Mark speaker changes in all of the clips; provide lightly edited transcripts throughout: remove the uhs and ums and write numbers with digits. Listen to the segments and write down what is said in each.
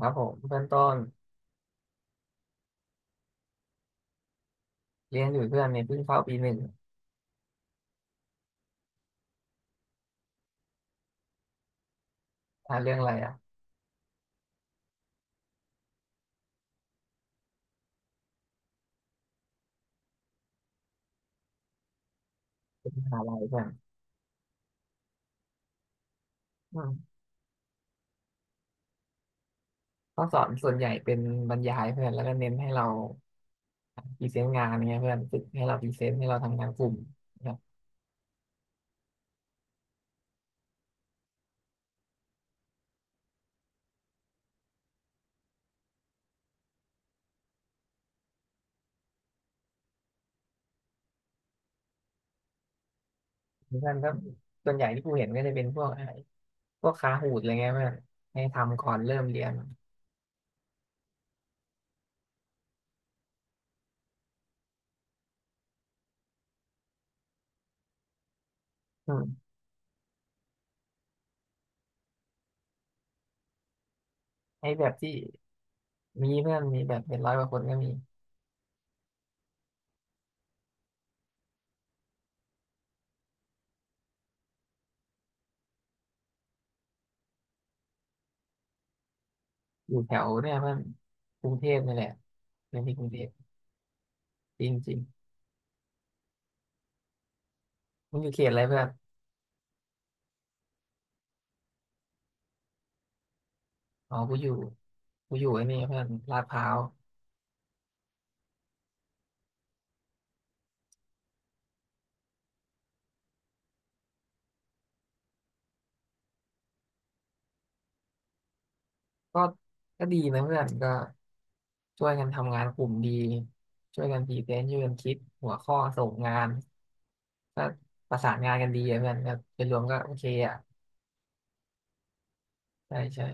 Speaker 1: ครับผมเพื่อนต้นเรียนอยู่เพื่อนเนี่ยเพิ่งเข้าปีหนึ่งอ่านเรื่องอะไรอ่ะเป็นมหาลัยเพื่อนอืมข้อสอนส่วนใหญ่เป็นบรรยายเพื่อนแล้วก็เน้นให้เราพรีเซนต์งานเนี่ยเพื่อนฝึกให้เราพรีเซนต์ให้เราทำงานกลุ่มนะครับเพื่อนก็ส่วนใหญ่ที่กูเห็นก็จะเป็นพวกอะไรพวกคาหูดอะไรเงี้ยเพื่อนให้ทำก่อนเริ่มเรียนอืมให้แบบที่มีเพื่อนมีแบบเป็นร้อยกว่าคนก็มีอยู่แถวเนี่ยเพื่อนกรุงเทพนี่แหละเรียนที่กรุงเทพจริงจริงมึงอยู่เขตอะไรเพื่อน อ๋อกูอยู่ไอ้นี่เพื่อนลาดพร้าวก็ก็ดีนะเพื่อนก็ช่วยกันทำงานกลุ่มดีช่วยกันพรีเซนต์ช่วยกันคิดหัวข้อส่งงานก็ประสานงานกันดีอะเพื่อนก็เป็นรวมก็โอเคอ่ะใช่ใช่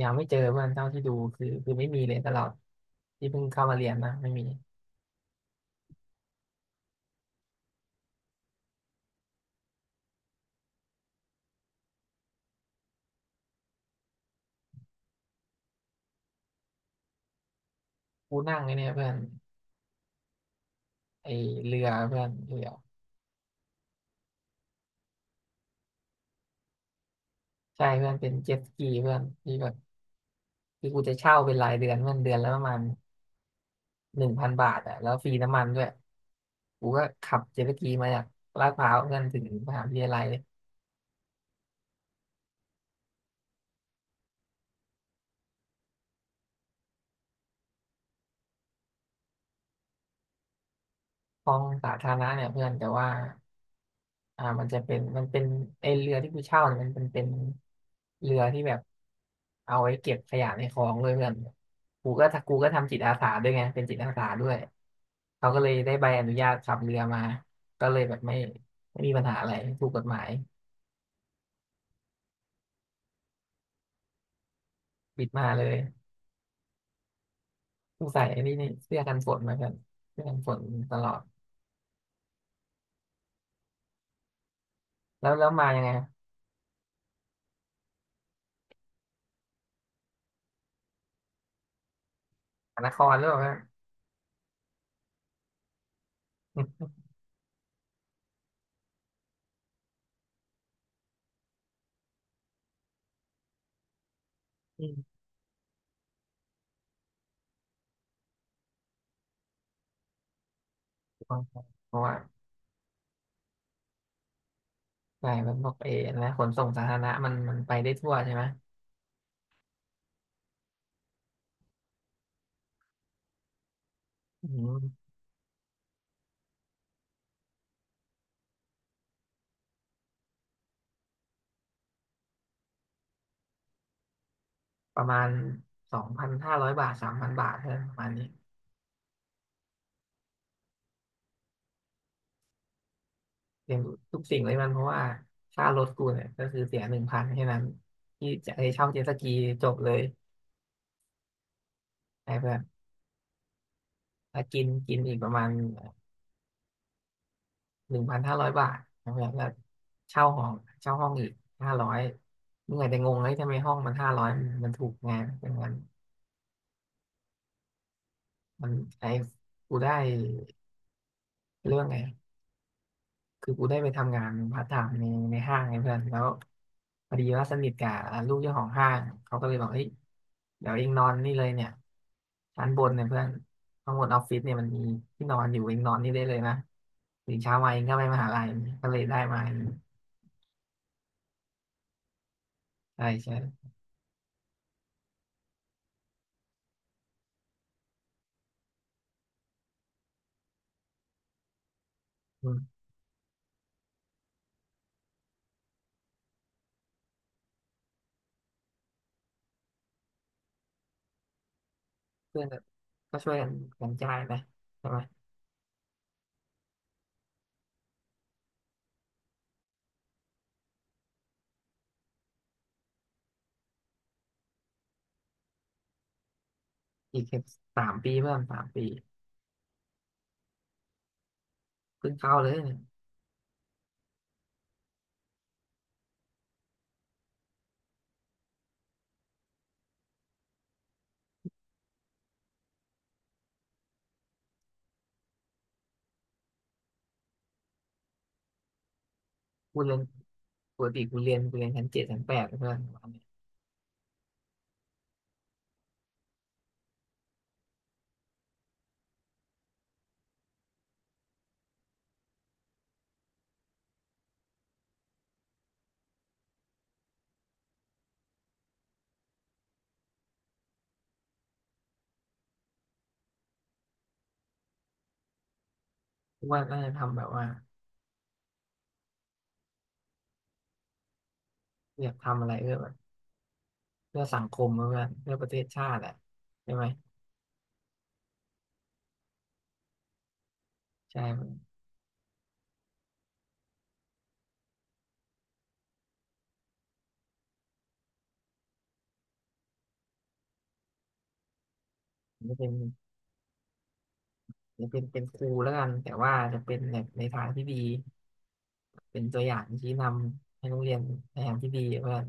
Speaker 1: ยังไม่เจอเพื่อนเท่าที่ดูคือไม่มีเลยตลอดที่เพิ่งเข้ามาเรียนนะไม่มีกูนั่งไอ้เนี่ยเพื่อนไอ้เรือเพื่อนเรือใช่เพื่อนเป็นเจ็ตสกีเพื่อนที่แบบที่กูจะเช่าเป็นรายเดือนเพื่อนเดือนละประมาณ 1,000 บาทอ่ะแล้วฟรีน้ำมันด้วยกูก็ขับเจ็ตสกีมาจากลาดพร้าวเพื่อนถึงมหาวิทยาลัยเลยคลองสาธารณะเนี่ยเพื่อนแต่ว่ามันเป็นไอเรือที่กูเช่าเนี่ยมันเป็นเรือที่แบบเอาไว้เก็บขยะในคลองเลยเพื่อนกูก็ถ้ากูก็ทำจิตอาสาด้วยไงเป็นจิตอาสาด้วยเขาก็เลยได้ใบอนุญาตขับเรือมาก็เลยแบบไม่มีปัญหาอะไรถูกกฎหมายบิดมาเลยกูใส่ไอ้นี่เสื้อกันฝนมาเพื่อนเสื้อกันฝนตลอด แล้วมายังไงสานครหรือเปล่าฮะอืมเพราะว่าใช่มันพวกเอนะขนส่งสาธารณะมันไปได้ทั่วใช่ไหมอืมประมาณ2,500 บาท3,000 บาทเท่านั้นประมาณนี้เรียนทุกสิ่งเลยมันเพราะว่าค่ารถกูเนี่ยก็คือเสียหนึ่งพันแค่นั้นที่จะให้เช่าเจ็ตสกีจบเลยไอ้เพื่อนแล้วกินกินอีกประมาณ1,500 บาทนะเพื่อนแล้วเช่าห้องอีกห้าร้อยเมื่อไหร่จะงงเลยทำไมห้องมันห้าร้อยมันถูกไงเป็นเงิน มันไอ้กูได้เรื่องไงคือกูได้ไปทำงานพาร์ทไทม์ในห้างไงเพื่อนแล้วพอดีว่าสนิทกับลูกเจ้าของห้างเขาก็เลยบอกเฮ้ยเดี๋ยวเองนอนนี่เลยเนี่ยชั้นบนเนี่ยเพื่อนข้างบนออฟฟิศเนี่ยมันมีที่นอนอยู่เองนอนนี่ได้เลยนะตื่นเช้ามาเองก็ไปมหาลัยก็เลยได้มาใช่ใช่อืมเพื่อนก็ช่วยกันจ่ายไปใช่ไหมอีกแค่สามปีเพื่อนสามปีเพิ่งเข้าเลยเนี่ย กูเรียนปกติกูเรียนชั้น 7ชั้น 8เพื่อนกูว่าน่าจะทำแบบว่าอยากทำอะไรเพื่อแบบเพื่อสังคมเพื่อนเพื่อประเทศชาติอะใช่ไหมใช่จะเป็นจะเป็นครูแล้วกันแต่ว่าจะเป็นแบบในทางที่ดีเป็นตัวอย่างชี้นำให้นักเรียนในทางที่ดีเพื่อน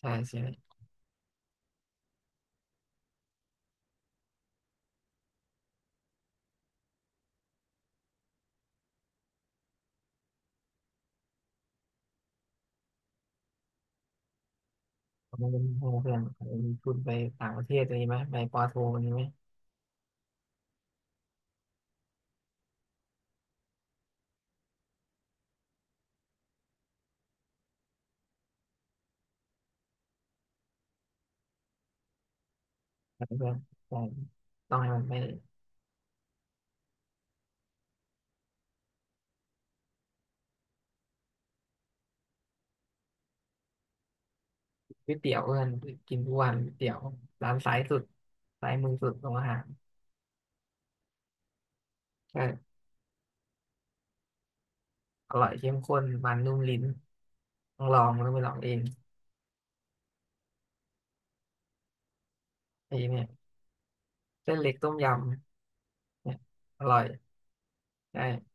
Speaker 1: ใช่ใช่ผมเป็นเพื่อนเพื่อนมีทุนไปต่างประเทศอะไรไหมไปปอโทอะไรไหมเพื่อนใช่ต้องให้มันไม่ ก๋วยเตี๋ยวเอิญกินทุกวันก๋วยเตี๋ยวร้านซ้ายสุดซ้ายมือสุดของอาหารก็อร่อยเข้มข้นมันนุ่มลิ้นต้องลองต้องไปลองเองไอ้เนี่ยเส้นเล็กต้มยำเนี่ยอร่อยใช่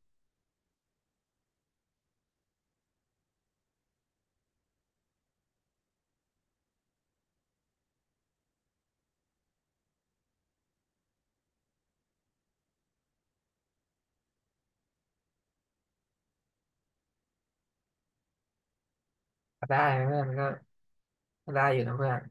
Speaker 1: ก็ได้นะเพื่อนก็ได้อยู่นะเพื่อน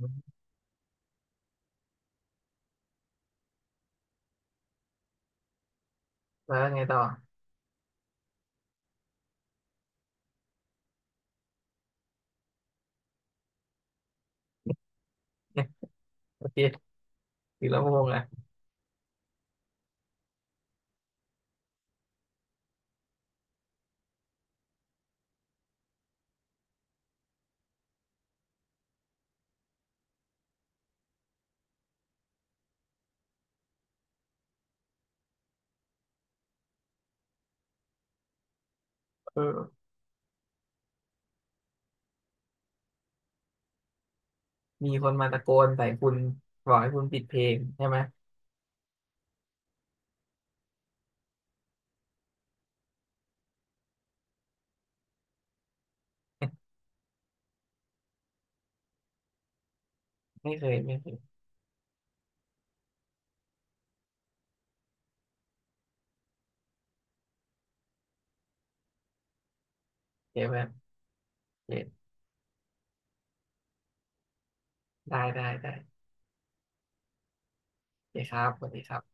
Speaker 1: อืมแล้วไงต่อ โอเคถือลำโพงอ่ะเออมีคนมาตะโกนใส่คุณบอกให้คุณปิดเพลงใช่ไหมไม่เคยไม่เคยโอเคเพื่อนโอเคได้ได้ได้โอเคครับสวัสดีครับ